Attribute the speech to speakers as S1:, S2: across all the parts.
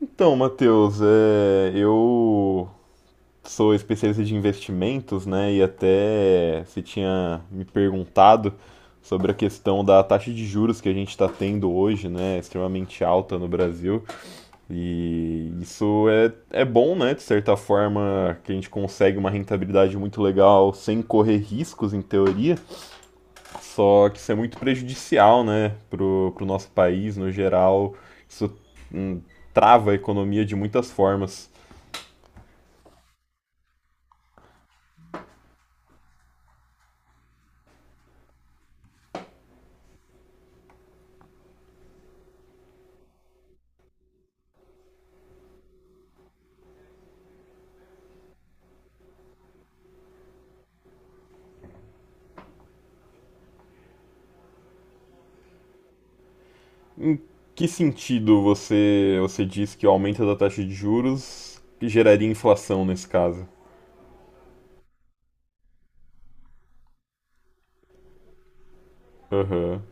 S1: Então, Matheus, eu sou especialista de investimentos, né? E até você tinha me perguntado sobre a questão da taxa de juros que a gente está tendo hoje, né? Extremamente alta no Brasil. E isso é bom, né? De certa forma, que a gente consegue uma rentabilidade muito legal sem correr riscos, em teoria. Só que isso é muito prejudicial, né, pro nosso país no geral. Isso hum, trava a economia de muitas formas. Em que sentido você diz que o aumento da taxa de juros geraria inflação nesse caso? Aham.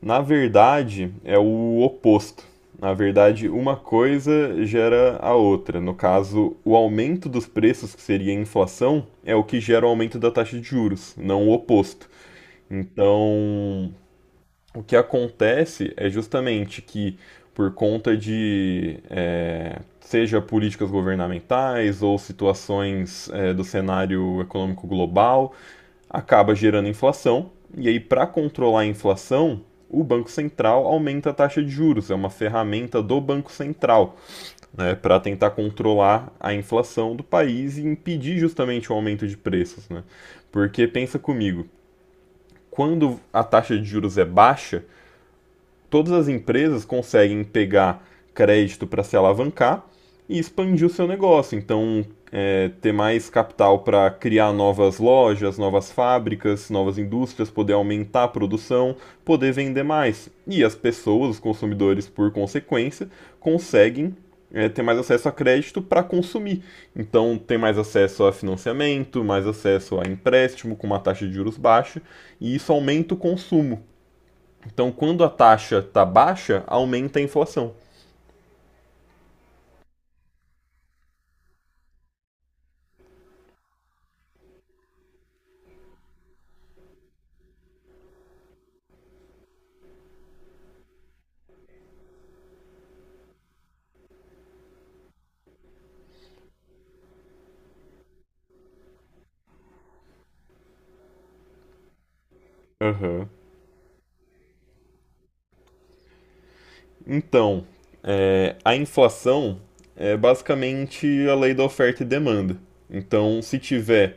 S1: Na verdade, é o oposto. Na verdade, uma coisa gera a outra. No caso, o aumento dos preços, que seria a inflação, é o que gera o aumento da taxa de juros, não o oposto. Então, o que acontece é justamente que, por conta de, seja políticas governamentais ou situações do cenário econômico global, acaba gerando inflação. E aí, para controlar a inflação, o Banco Central aumenta a taxa de juros, é uma ferramenta do Banco Central né, para tentar controlar a inflação do país e impedir justamente o aumento de preços. Né? Porque pensa comigo, quando a taxa de juros é baixa, todas as empresas conseguem pegar crédito para se alavancar e expandir o seu negócio. Então, ter mais capital para criar novas lojas, novas fábricas, novas indústrias, poder aumentar a produção, poder vender mais. E as pessoas, os consumidores, por consequência, conseguem ter mais acesso a crédito para consumir. Então, tem mais acesso a financiamento, mais acesso a empréstimo com uma taxa de juros baixa, e isso aumenta o consumo. Então, quando a taxa tá baixa, aumenta a inflação. Aham. Então, a inflação é basicamente a lei da oferta e demanda. Então, se tiver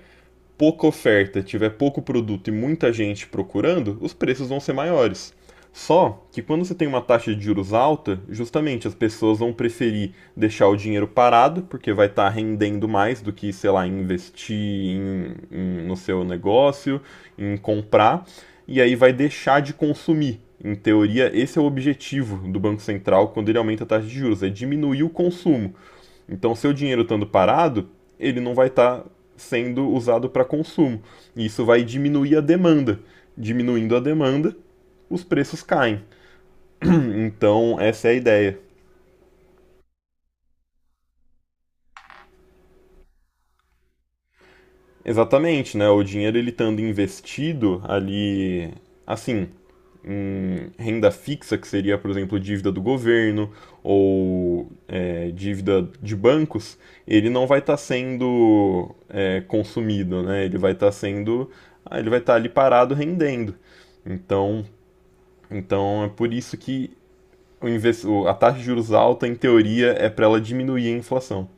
S1: pouca oferta, tiver pouco produto e muita gente procurando, os preços vão ser maiores. Só que quando você tem uma taxa de juros alta, justamente as pessoas vão preferir deixar o dinheiro parado, porque vai estar rendendo mais do que, sei lá, investir no seu negócio, em comprar, e aí vai deixar de consumir. Em teoria, esse é o objetivo do Banco Central quando ele aumenta a taxa de juros, é diminuir o consumo. Então, seu dinheiro estando parado, ele não vai estar sendo usado para consumo. E isso vai diminuir a demanda. Diminuindo a demanda, os preços caem. Então, essa é a ideia. Exatamente, né? O dinheiro ele estando investido ali, assim, em renda fixa, que seria, por exemplo, dívida do governo ou dívida de bancos, ele não vai estar sendo consumido, né? Ele vai estar sendo, ah, ele vai estar ali parado rendendo. Então, então é por isso que a taxa de juros alta, em teoria, é para ela diminuir a inflação.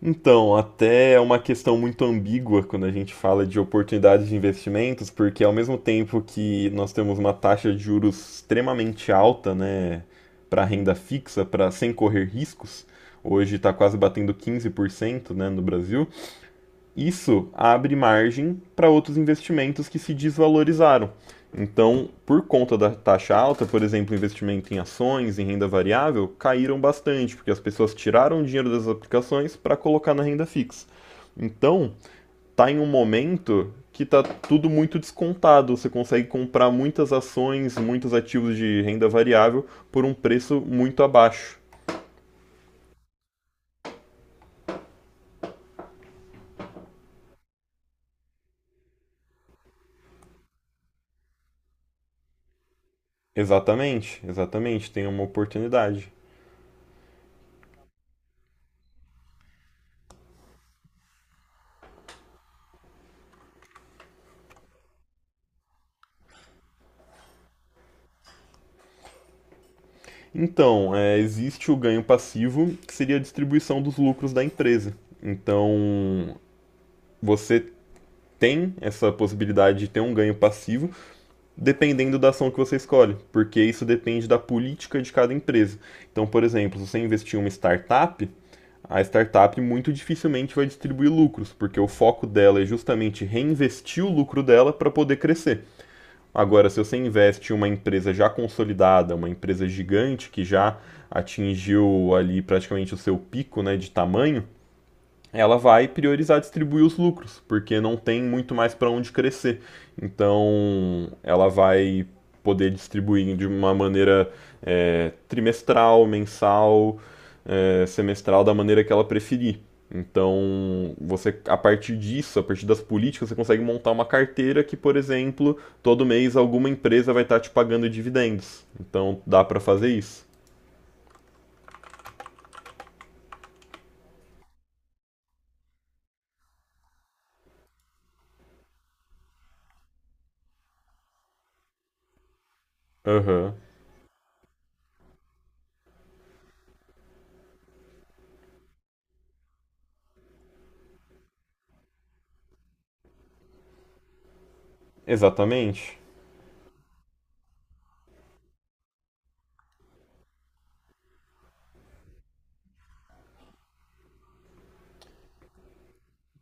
S1: Então, até é uma questão muito ambígua quando a gente fala de oportunidades de investimentos, porque ao mesmo tempo que nós temos uma taxa de juros extremamente alta, né, para renda fixa, para sem correr riscos, hoje está quase batendo 15%, né, no Brasil. Isso abre margem para outros investimentos que se desvalorizaram. Então, por conta da taxa alta, por exemplo, investimento em ações, em renda variável, caíram bastante, porque as pessoas tiraram o dinheiro das aplicações para colocar na renda fixa. Então, tá em um momento que tá tudo muito descontado, você consegue comprar muitas ações, muitos ativos de renda variável por um preço muito abaixo. Exatamente, exatamente, tem uma oportunidade. Então, existe o ganho passivo, que seria a distribuição dos lucros da empresa. Então, você tem essa possibilidade de ter um ganho passivo, dependendo da ação que você escolhe, porque isso depende da política de cada empresa. Então, por exemplo, se você investir em uma startup, a startup muito dificilmente vai distribuir lucros, porque o foco dela é justamente reinvestir o lucro dela para poder crescer. Agora, se você investe em uma empresa já consolidada, uma empresa gigante que já atingiu ali praticamente o seu pico, né, de tamanho, ela vai priorizar distribuir os lucros, porque não tem muito mais para onde crescer. Então, ela vai poder distribuir de uma maneira trimestral, mensal, semestral, da maneira que ela preferir. Então, você a partir disso, a partir das políticas, você consegue montar uma carteira que, por exemplo, todo mês alguma empresa vai estar te pagando dividendos. Então, dá para fazer isso. Aham. Exatamente.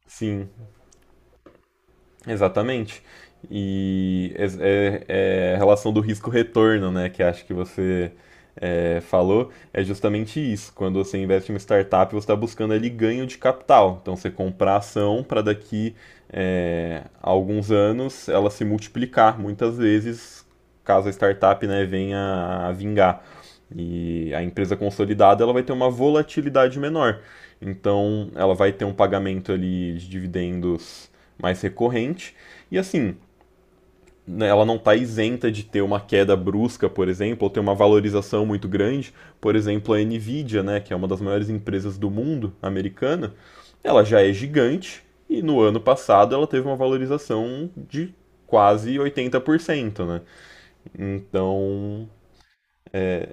S1: Sim. Exatamente. E é a relação do risco-retorno, né, que acho que você falou, é justamente isso. Quando você investe em uma startup, você está buscando ali ganho de capital. Então, você comprar ação para daqui a alguns anos ela se multiplicar, muitas vezes, caso a startup, né, venha a vingar. E a empresa consolidada, ela vai ter uma volatilidade menor. Então, ela vai ter um pagamento ali de dividendos mais recorrente. E assim, né, ela não está isenta de ter uma queda brusca, por exemplo, ou ter uma valorização muito grande. Por exemplo, a Nvidia, né, que é uma das maiores empresas do mundo, americana, ela já é gigante e no ano passado ela teve uma valorização de quase 80% né? Então, é,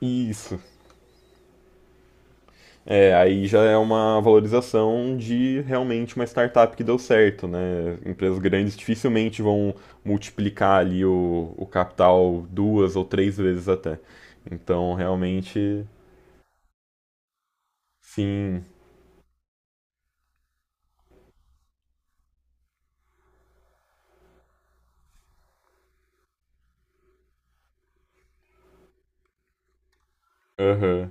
S1: e É, aí já é uma valorização de realmente uma startup que deu certo, né? Empresas grandes dificilmente vão multiplicar ali o capital duas ou três vezes até. Então, realmente, sim, aham,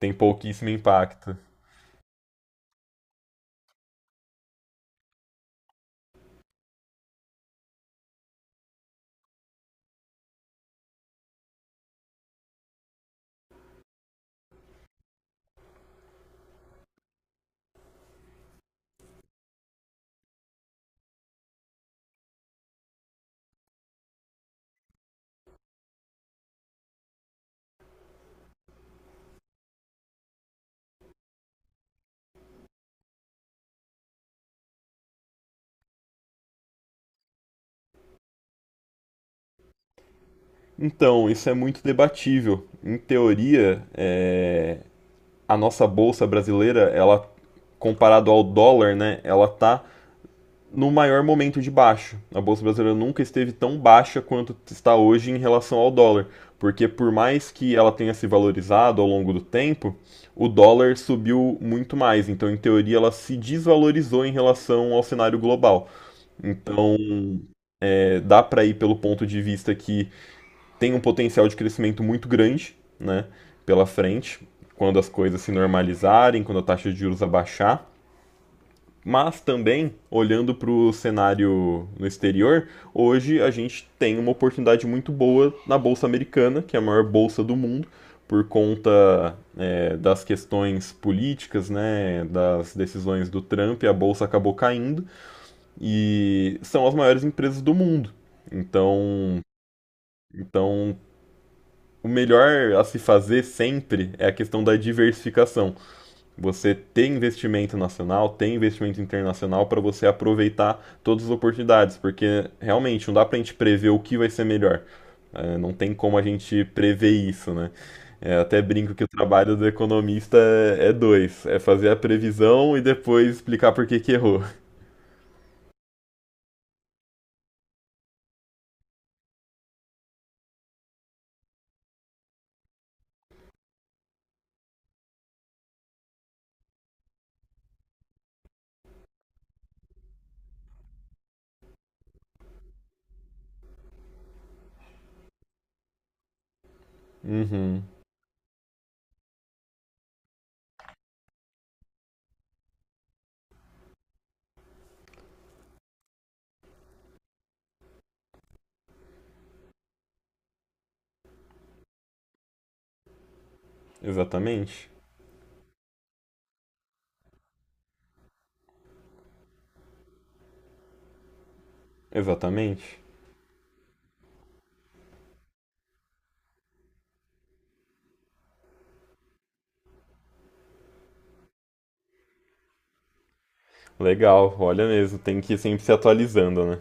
S1: tem pouquíssimo impacto. Então, isso é muito debatível. Em teoria, a nossa bolsa brasileira, ela comparado ao dólar, né, ela tá no maior momento de baixa. A bolsa brasileira nunca esteve tão baixa quanto está hoje em relação ao dólar, porque por mais que ela tenha se valorizado ao longo do tempo, o dólar subiu muito mais. Então, em teoria, ela se desvalorizou em relação ao cenário global. Então, dá para ir pelo ponto de vista que tem um potencial de crescimento muito grande, né, pela frente, quando as coisas se normalizarem, quando a taxa de juros abaixar. Mas também, olhando para o cenário no exterior, hoje a gente tem uma oportunidade muito boa na Bolsa Americana, que é a maior bolsa do mundo, por conta das questões políticas, né, das decisões do Trump, a Bolsa acabou caindo, e são as maiores empresas do mundo. Então, então o melhor a se fazer sempre é a questão da diversificação. Você tem investimento nacional, tem investimento internacional para você aproveitar todas as oportunidades, porque realmente não dá para a gente prever o que vai ser melhor. É, não tem como a gente prever isso, né? É, até brinco que o trabalho do economista dois: é fazer a previsão e depois explicar por que que errou. Uhum, exatamente, exatamente. Legal, olha mesmo, tem que ir sempre se atualizando, né?